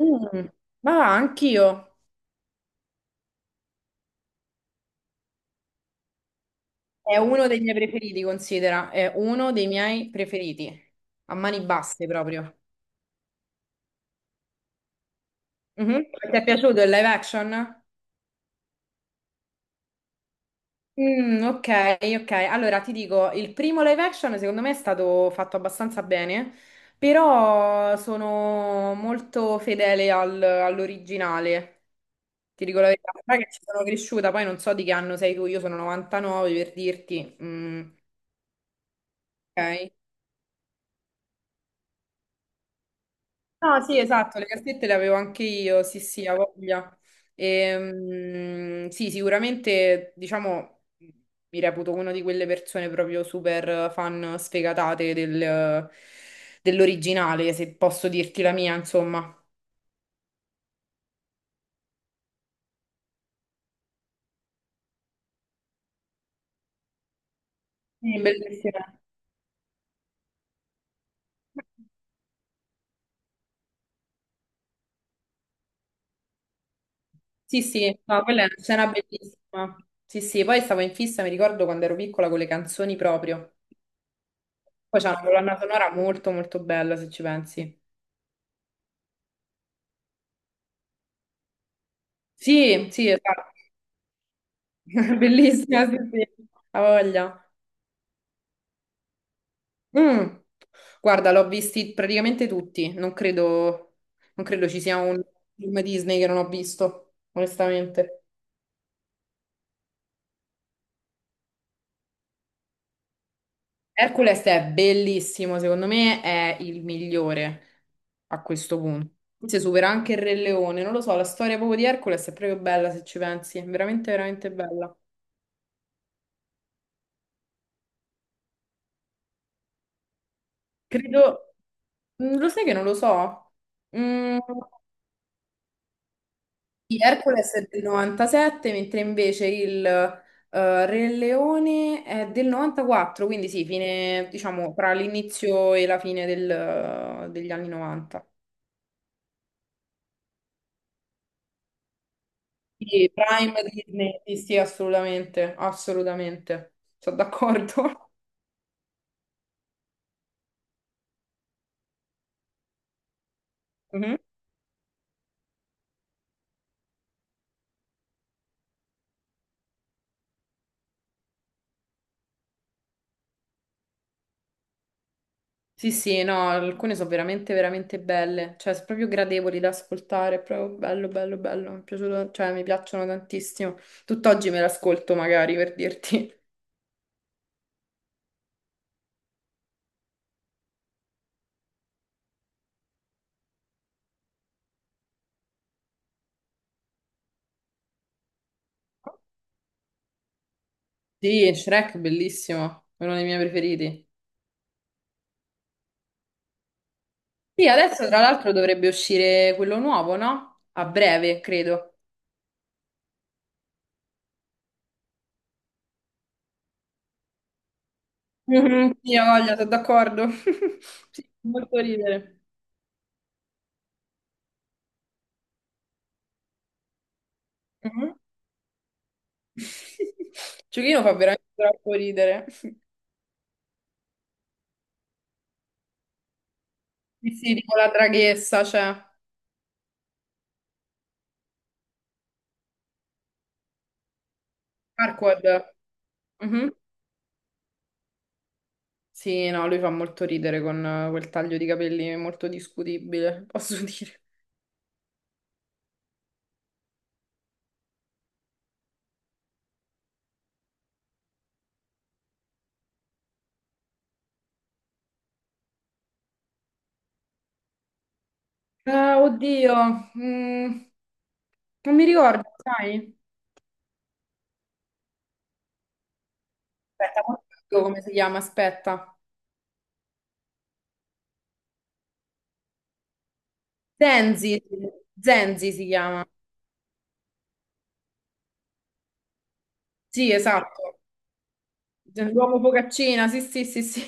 Mm, ma va, anch'io. È uno dei miei preferiti, considera. È uno dei miei preferiti. A mani basse proprio. Mhm. Ti è piaciuto il live action? Mm, ok, ok. Allora ti dico, il primo live action secondo me è stato fatto abbastanza bene, però sono molto fedele al- all'originale. Ti dico la verità, sai che ci sono cresciuta, poi non so di che anno sei tu, io sono 99 per dirti. Mm, ok. No, sì, esatto, le cassette le avevo anche io, sì, sì, a voglia. Sì, sicuramente, diciamo, mi reputo una di quelle persone proprio super fan sfegatate del- dell'originale, se posso dirti la mia, insomma. Sì, bellissima. Sì, sì, no, quella è una scena bellissima. Sì, sì, poi stavo in fissa, mi ricordo quando ero piccola con le canzoni proprio. Poi c'è una colonna sonora molto, molto bella, se ci pensi. Sì, sì, esatto. Bellissima, sì, sì, ha voglia. Mm. Guarda, l'ho visti praticamente tutti, non credo, non credo ci sia un film Disney che non ho visto, onestamente. Hercules è bellissimo, secondo me è il migliore a questo punto. Forse supera anche il Re Leone, non lo so, la storia proprio di Hercules è proprio bella se ci pensi, veramente, veramente bella. Credo, mm, lo sai che non lo so? Mm. Sì, Hercules è del 97, mentre invece il Re Leone è del 94, quindi sì, fine, diciamo, tra l'inizio e la fine del- degli anni 90. Sì, Prime Disney, sì, sì, assolutamente, assolutamente, sono d'accordo. Mhm. Sì, sì, no, alcune sono veramente, veramente belle, cioè sono proprio gradevoli da ascoltare, è proprio bello, bello, bello, mi è piaciuto, cioè mi piacciono tantissimo. Tutt'oggi me l'ascolto magari per dirti. Sì, Shrek, bellissimo, è uno dei miei preferiti. Sì, adesso tra l'altro dovrebbe uscire quello nuovo, no? A breve, credo. Mhm, sì, ho voglia, sono d'accordo. Sì, fa molto ridere. Mhm. Giochino fa veramente troppo ridere. Sì, sì, tipo la draghessa, cioè. Farquaad. Mhm. Sì, no, lui fa molto ridere con quel taglio di capelli molto discutibile, posso dire. Oddio, mm, non mi ricordo, sai? Aspetta, mo ti dico come si chiama? Aspetta. Zenzi, Zenzi si chiama. Sì, esatto. L'uomo focaccina, sì, sì, sì, sì.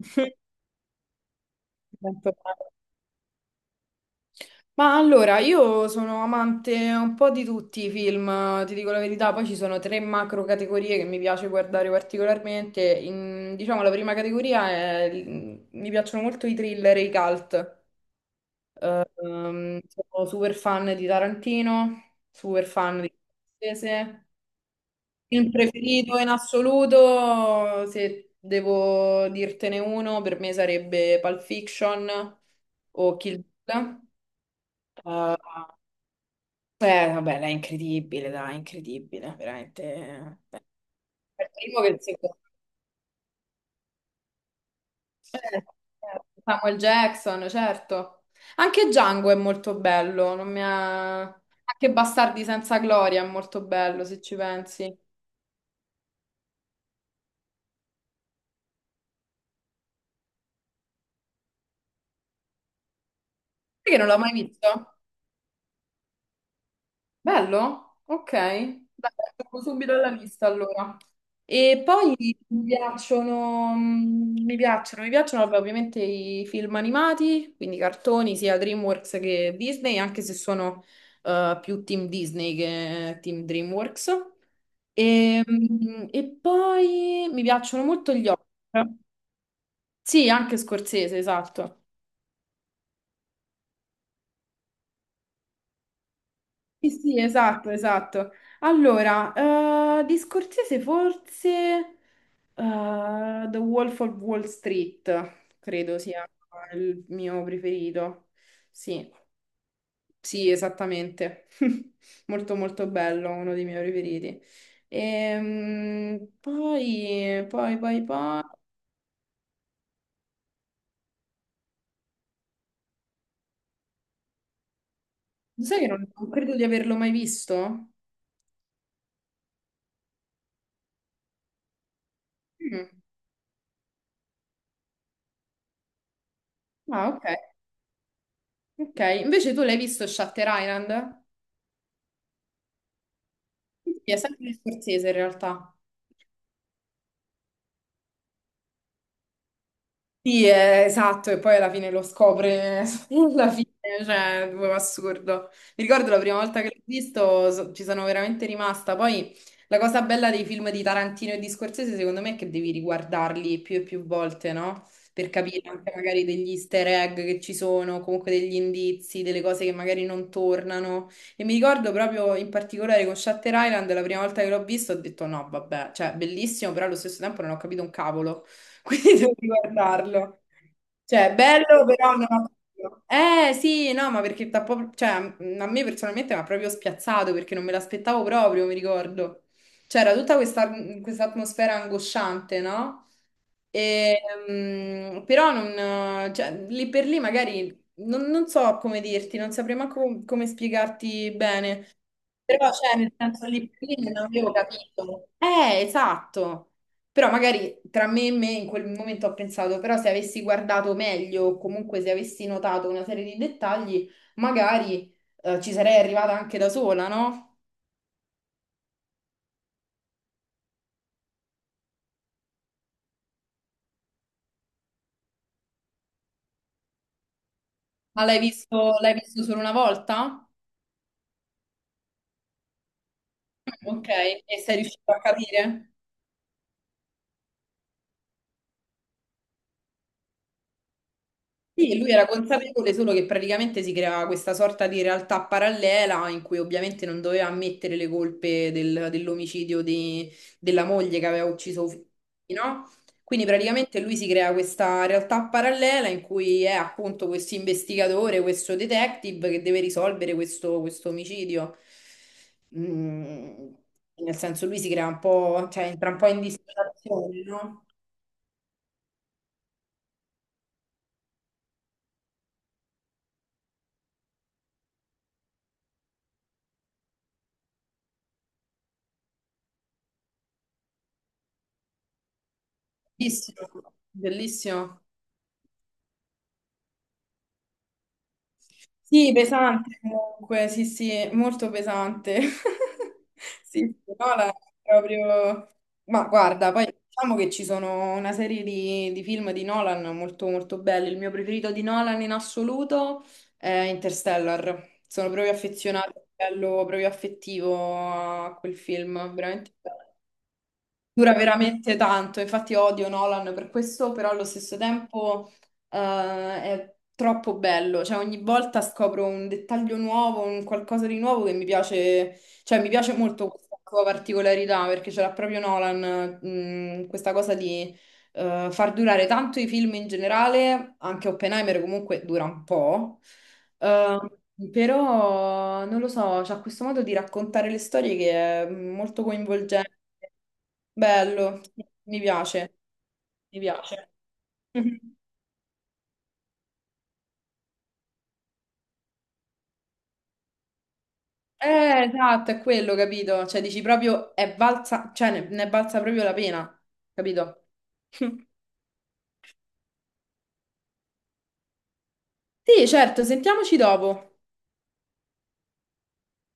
Tanto male. Ma allora, io sono amante un po' di tutti i film, ti dico la verità, poi ci sono tre macro categorie che mi piace guardare particolarmente. In- diciamo, la prima categoria è... mi piacciono molto i thriller e i cult. Sono super fan di Tarantino, super fan di Scorsese. Film preferito in assoluto, se devo dirtene uno, per me sarebbe Pulp Fiction o Kill Bill. Eh, beh, vabbè, lei è incredibile, dai, incredibile, veramente. Beh, il primo che il secondo. Certo, certo. Samuel Jackson, certo. Anche Django è molto bello, non mi ha- anche Bastardi senza gloria è molto bello, se ci pensi. Perché non l'ho mai visto? Bello? Ok. Dai, metto subito alla lista allora. E poi mi piacciono, mm, mi piacciono vabbè, ovviamente i film animati, quindi cartoni sia DreamWorks che Disney, anche se sono più team Disney che team DreamWorks. E, mm, e poi mi piacciono molto gli horror. Sì, anche Scorsese, esatto. Sì, sì, esatto, esatto. Allora, di Scorsese forse... The Wolf of Wall Street, credo sia il mio preferito. Sì, sì, esattamente. Molto molto bello, uno dei miei preferiti. Poi, poi... Sai che non credo di averlo mai visto? Mm. Ah, ok. Ok, invece tu l'hai visto Shutter Island? Sì, è sempre di Scorsese in realtà. Sì, esatto, e poi alla fine lo scopre alla fine, cioè, proprio assurdo. Mi ricordo la prima volta che l'ho visto, so- ci sono veramente rimasta. Poi la cosa bella dei film di Tarantino e di Scorsese, secondo me, è che devi riguardarli più e più volte, no? Per capire anche magari degli easter egg che ci sono, comunque degli indizi, delle cose che magari non tornano. E mi ricordo proprio in particolare con Shutter Island, la prima volta che l'ho visto, ho detto no, vabbè, cioè, bellissimo, però allo stesso tempo non ho capito un cavolo. Quindi devo guardarlo. Cioè, bello, però non ho capito. Eh sì, no, ma perché t'ha proprio- cioè, a me personalmente mi ha proprio spiazzato perché non me l'aspettavo proprio, mi ricordo. C'era tutta questa atmosfera angosciante, no? E, mm, però non, cioè, lì per lì magari non, non so come dirti, non saprei manco come spiegarti bene. Però, cioè, nel senso lì per lì non avevo capito. Esatto. Però magari tra me e me in quel momento ho pensato, però se avessi guardato meglio, o comunque se avessi notato una serie di dettagli, magari ci sarei arrivata anche da sola, no? Ma l'hai visto solo una volta? Mm, ok, e sei riuscito a capire? Sì, lui era consapevole solo che praticamente si creava questa sorta di realtà parallela in cui ovviamente non doveva ammettere le colpe del- dell'omicidio di- della moglie che aveva ucciso Uffizi, no? Quindi praticamente lui si crea questa realtà parallela in cui è appunto questo investigatore, questo detective che deve risolvere questo, questo omicidio. Mm, nel senso lui si crea un po', cioè entra un po' in dissociazione, no? Bellissimo, bellissimo. Sì, pesante comunque, sì, sì, molto pesante. Sì, sì, no, la- proprio... Ma guarda, poi diciamo che ci sono una serie di film di Nolan molto molto belli. Il mio preferito di Nolan in assoluto è Interstellar. Sono proprio affezionata a livello proprio affettivo a quel film, veramente bello. Dura veramente tanto, infatti odio Nolan per questo, però allo stesso tempo è troppo bello, cioè ogni volta scopro un dettaglio nuovo, un qualcosa di nuovo che mi piace, cioè mi piace molto questa sua particolarità perché ce l'ha proprio Nolan, questa cosa di far durare tanto i film in generale, anche Oppenheimer comunque dura un po', eh, però non lo so, c'ha questo modo di raccontare le storie che è molto coinvolgente. Bello, mi piace, mi piace. Mhm. Eh, esatto, è quello, capito? Cioè, dici proprio, è valsa, cioè, ne, ne è valsa proprio la pena, capito? Sì, certo, sentiamoci dopo.